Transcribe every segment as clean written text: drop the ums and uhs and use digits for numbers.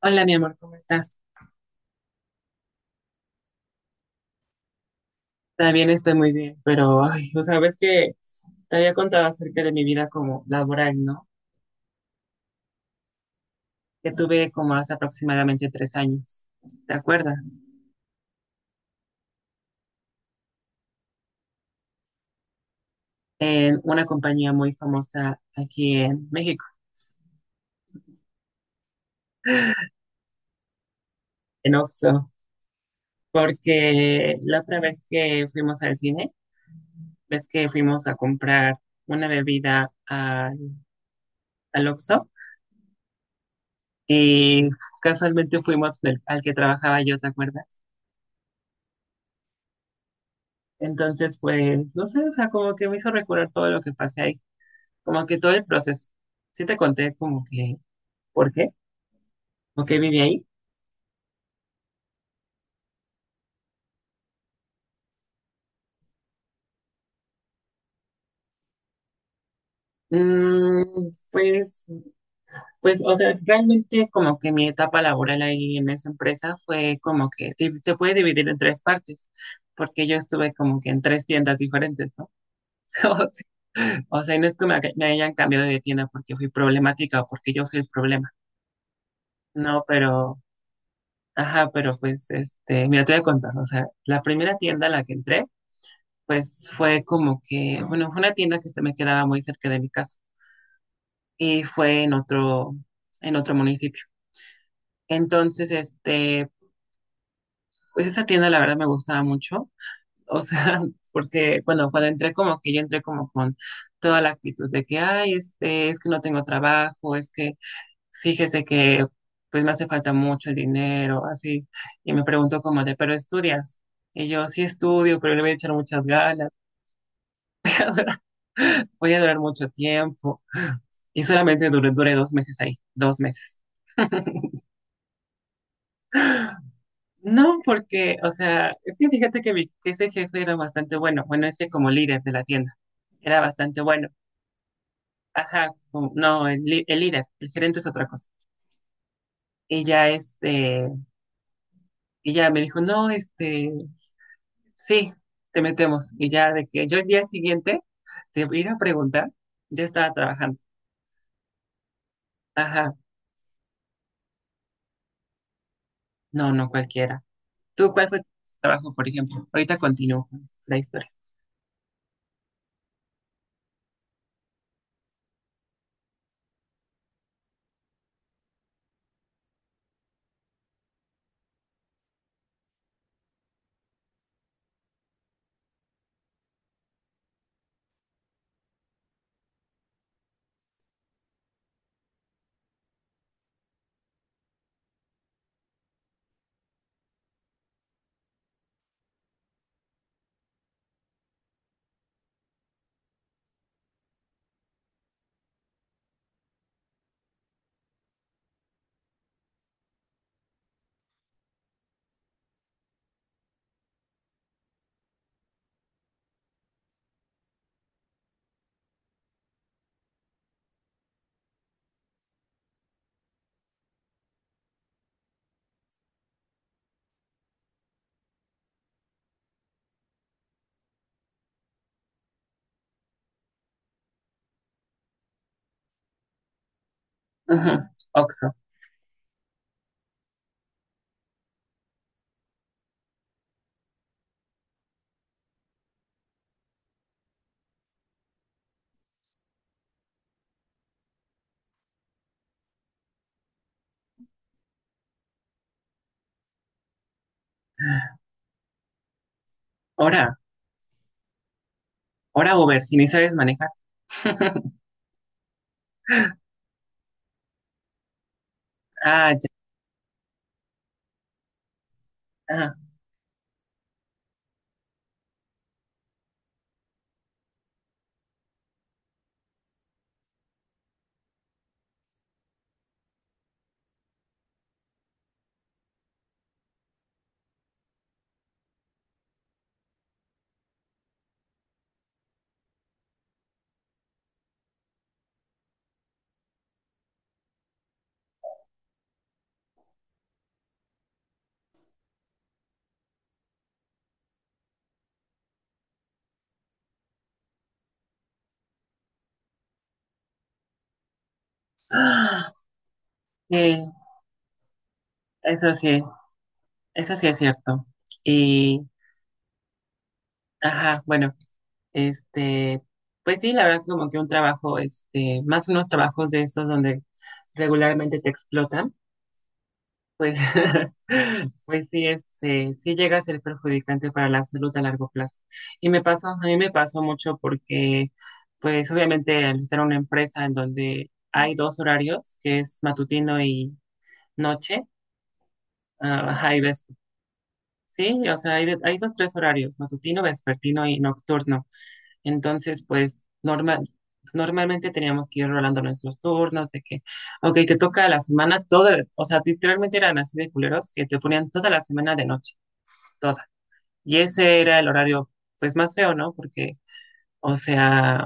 Hola, mi amor, ¿cómo estás? También estoy muy bien, pero, ay, o sabes que te había contado acerca de mi vida como laboral, ¿no? Que tuve como hace aproximadamente 3 años, ¿te acuerdas? En una compañía muy famosa aquí en México, en Oxxo, porque la otra vez que fuimos al cine, ves que fuimos a comprar una bebida al Oxxo y casualmente fuimos al que trabajaba yo, ¿te acuerdas? Entonces, pues, no sé, o sea, como que me hizo recordar todo lo que pasé ahí, como que todo el proceso. Sí te conté como que, ¿por qué? ¿Por qué viví ahí? Mm, pues, pues, o sea, realmente como que mi etapa laboral ahí en esa empresa fue como que se puede dividir en tres partes, porque yo estuve como que en tres tiendas diferentes, ¿no? O sea, o sea, y no es que me hayan cambiado de tienda porque fui problemática o porque yo fui el problema, no, pero... Ajá, pero pues, mira, te voy a contar, o sea, la primera tienda a la que entré, pues fue como que, bueno, fue una tienda que me quedaba muy cerca de mi casa y fue en otro municipio. Entonces, pues esa tienda la verdad me gustaba mucho, o sea, porque, bueno, cuando entré como que yo entré como con toda la actitud de que, ay, es que no tengo trabajo, es que fíjese que pues me hace falta mucho el dinero, así. Y me preguntó como de, ¿pero estudias? Y yo, sí estudio, pero le voy a echar muchas ganas, voy a durar mucho tiempo. Y solamente duré 2 meses ahí, 2 meses. No, porque, o sea, es que fíjate que, que ese jefe era bastante bueno, bueno, ese como líder de la tienda, era bastante bueno. Ajá, no, el líder, el gerente es otra cosa. Y ya este, y ya me dijo, no, sí, te metemos. Y ya de que yo el día siguiente te ir a preguntar, ya estaba trabajando. Ajá, no, no cualquiera. ¿Tú cuál fue tu trabajo, por ejemplo? Ahorita continúo con la historia. Ujú, Oxo. Ahora, ahora Uber, si ni sabes manejar. Ah, ya. Ajá. Ah, sí, eso sí, eso sí es cierto. Y, ajá, bueno, este, pues sí, la verdad como que un trabajo, más unos trabajos de esos donde regularmente te explotan. Pues, pues sí, sí, sí llega a ser perjudicante para la salud a largo plazo. Y me pasó, a mí me pasó mucho porque, pues obviamente al estar en una empresa en donde hay dos horarios, que es matutino y noche, ah, ajá, y ves, sí, o sea, hay dos, tres horarios, matutino, vespertino y nocturno. Entonces, pues normalmente teníamos que ir rolando nuestros turnos, de que, ok, te toca la semana toda, o sea, literalmente eran así de culeros que te ponían toda la semana de noche, toda. Y ese era el horario, pues más feo, ¿no? Porque, o sea,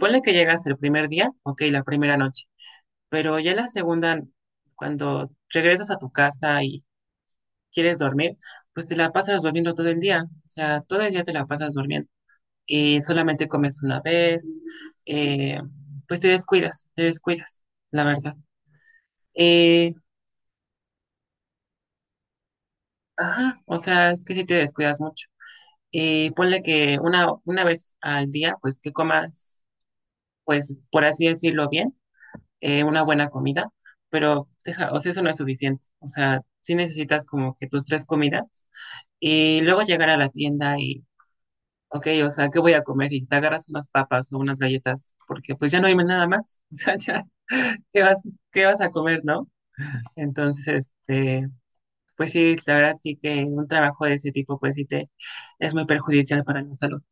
ponle que llegas el primer día, ok, la primera noche, pero ya la segunda, cuando regresas a tu casa y quieres dormir, pues te la pasas durmiendo todo el día, o sea, todo el día te la pasas durmiendo, solamente comes una vez, eh, pues te descuidas, la verdad. Eh, ajá, o sea, es que si te descuidas mucho. Ponle que una vez al día, pues que comas, pues por así decirlo bien, una buena comida, pero deja, o sea, eso no es suficiente. O sea, sí necesitas como que tus tres comidas y luego llegar a la tienda y, ok, o sea, ¿qué voy a comer? Y te agarras unas papas o unas galletas porque pues ya no hay nada más. O sea, ya. ¿Qué vas, qué vas a comer, ¿no? Entonces, pues sí, la verdad sí que un trabajo de ese tipo, pues sí te es muy perjudicial para la salud.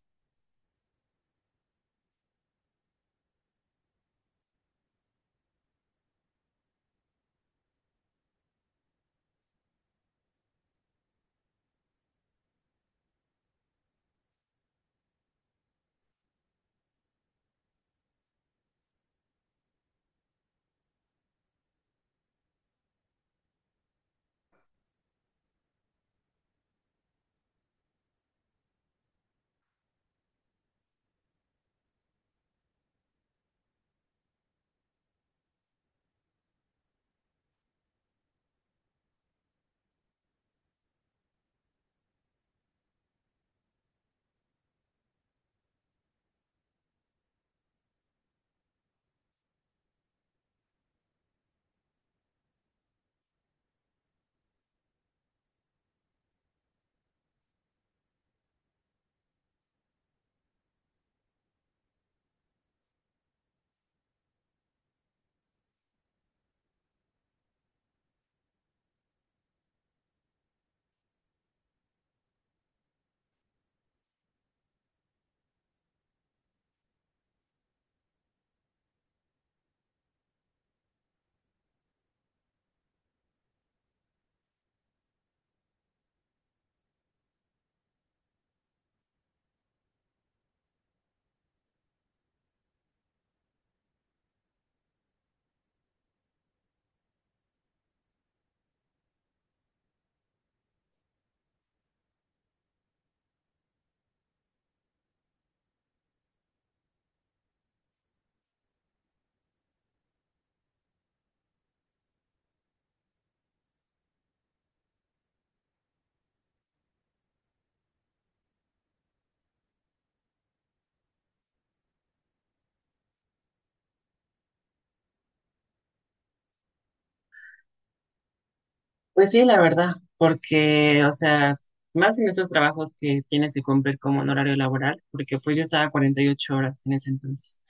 Pues sí, la verdad, porque, o sea, más en esos trabajos que tienes que cumplir como en horario laboral, porque pues yo estaba 48 horas en ese entonces.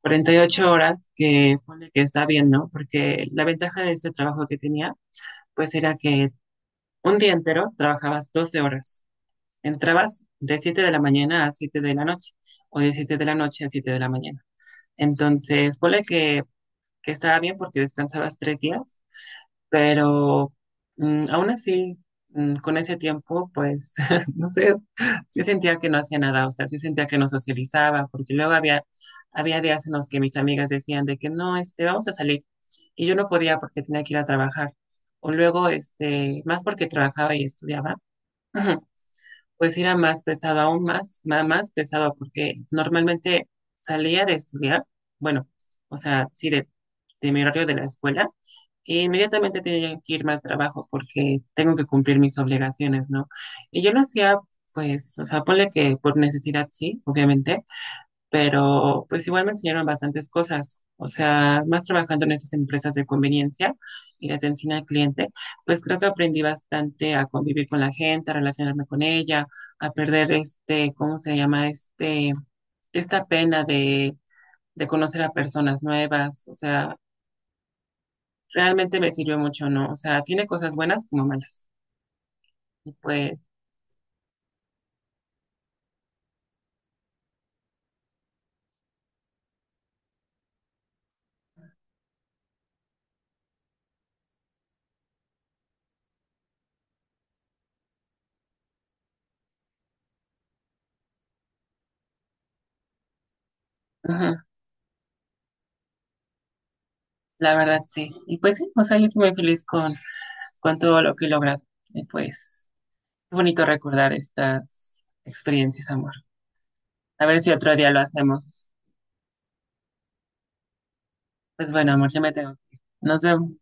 48 horas que pone que está bien, ¿no? Porque la ventaja de ese trabajo que tenía, pues era que un día entero trabajabas 12 horas. Entrabas de 7 de la mañana a 7 de la noche o de 7 de la noche a 7 de la mañana. Entonces, ponle que estaba bien porque descansabas 3 días, pero aún así, con ese tiempo, pues, no sé, sí sentía que no hacía nada, o sea, sí sentía que no socializaba, porque luego había días en los que mis amigas decían de que no, vamos a salir, y yo no podía porque tenía que ir a trabajar, o luego, más porque trabajaba y estudiaba. Pues era más pesado, aún más, más pesado, porque normalmente salía de estudiar, bueno, o sea, sí, de mi horario de la escuela, e inmediatamente tenía que irme al trabajo porque tengo que cumplir mis obligaciones, ¿no? Y yo lo hacía, pues, o sea, ponle que por necesidad, sí, obviamente, pero pues igual me enseñaron bastantes cosas, o sea, más trabajando en estas empresas de conveniencia y de atención al cliente, pues creo que aprendí bastante a convivir con la gente, a relacionarme con ella, a perder ¿cómo se llama? Esta pena de conocer a personas nuevas, o sea, realmente me sirvió mucho, ¿no? O sea, tiene cosas buenas como malas. Y pues, ajá, la verdad sí. Y pues sí, o sea, yo estoy muy feliz con todo lo que he logrado. Y pues... Qué bonito recordar estas experiencias, amor. A ver si otro día lo hacemos. Pues bueno, amor, ya me tengo que ir. Nos vemos.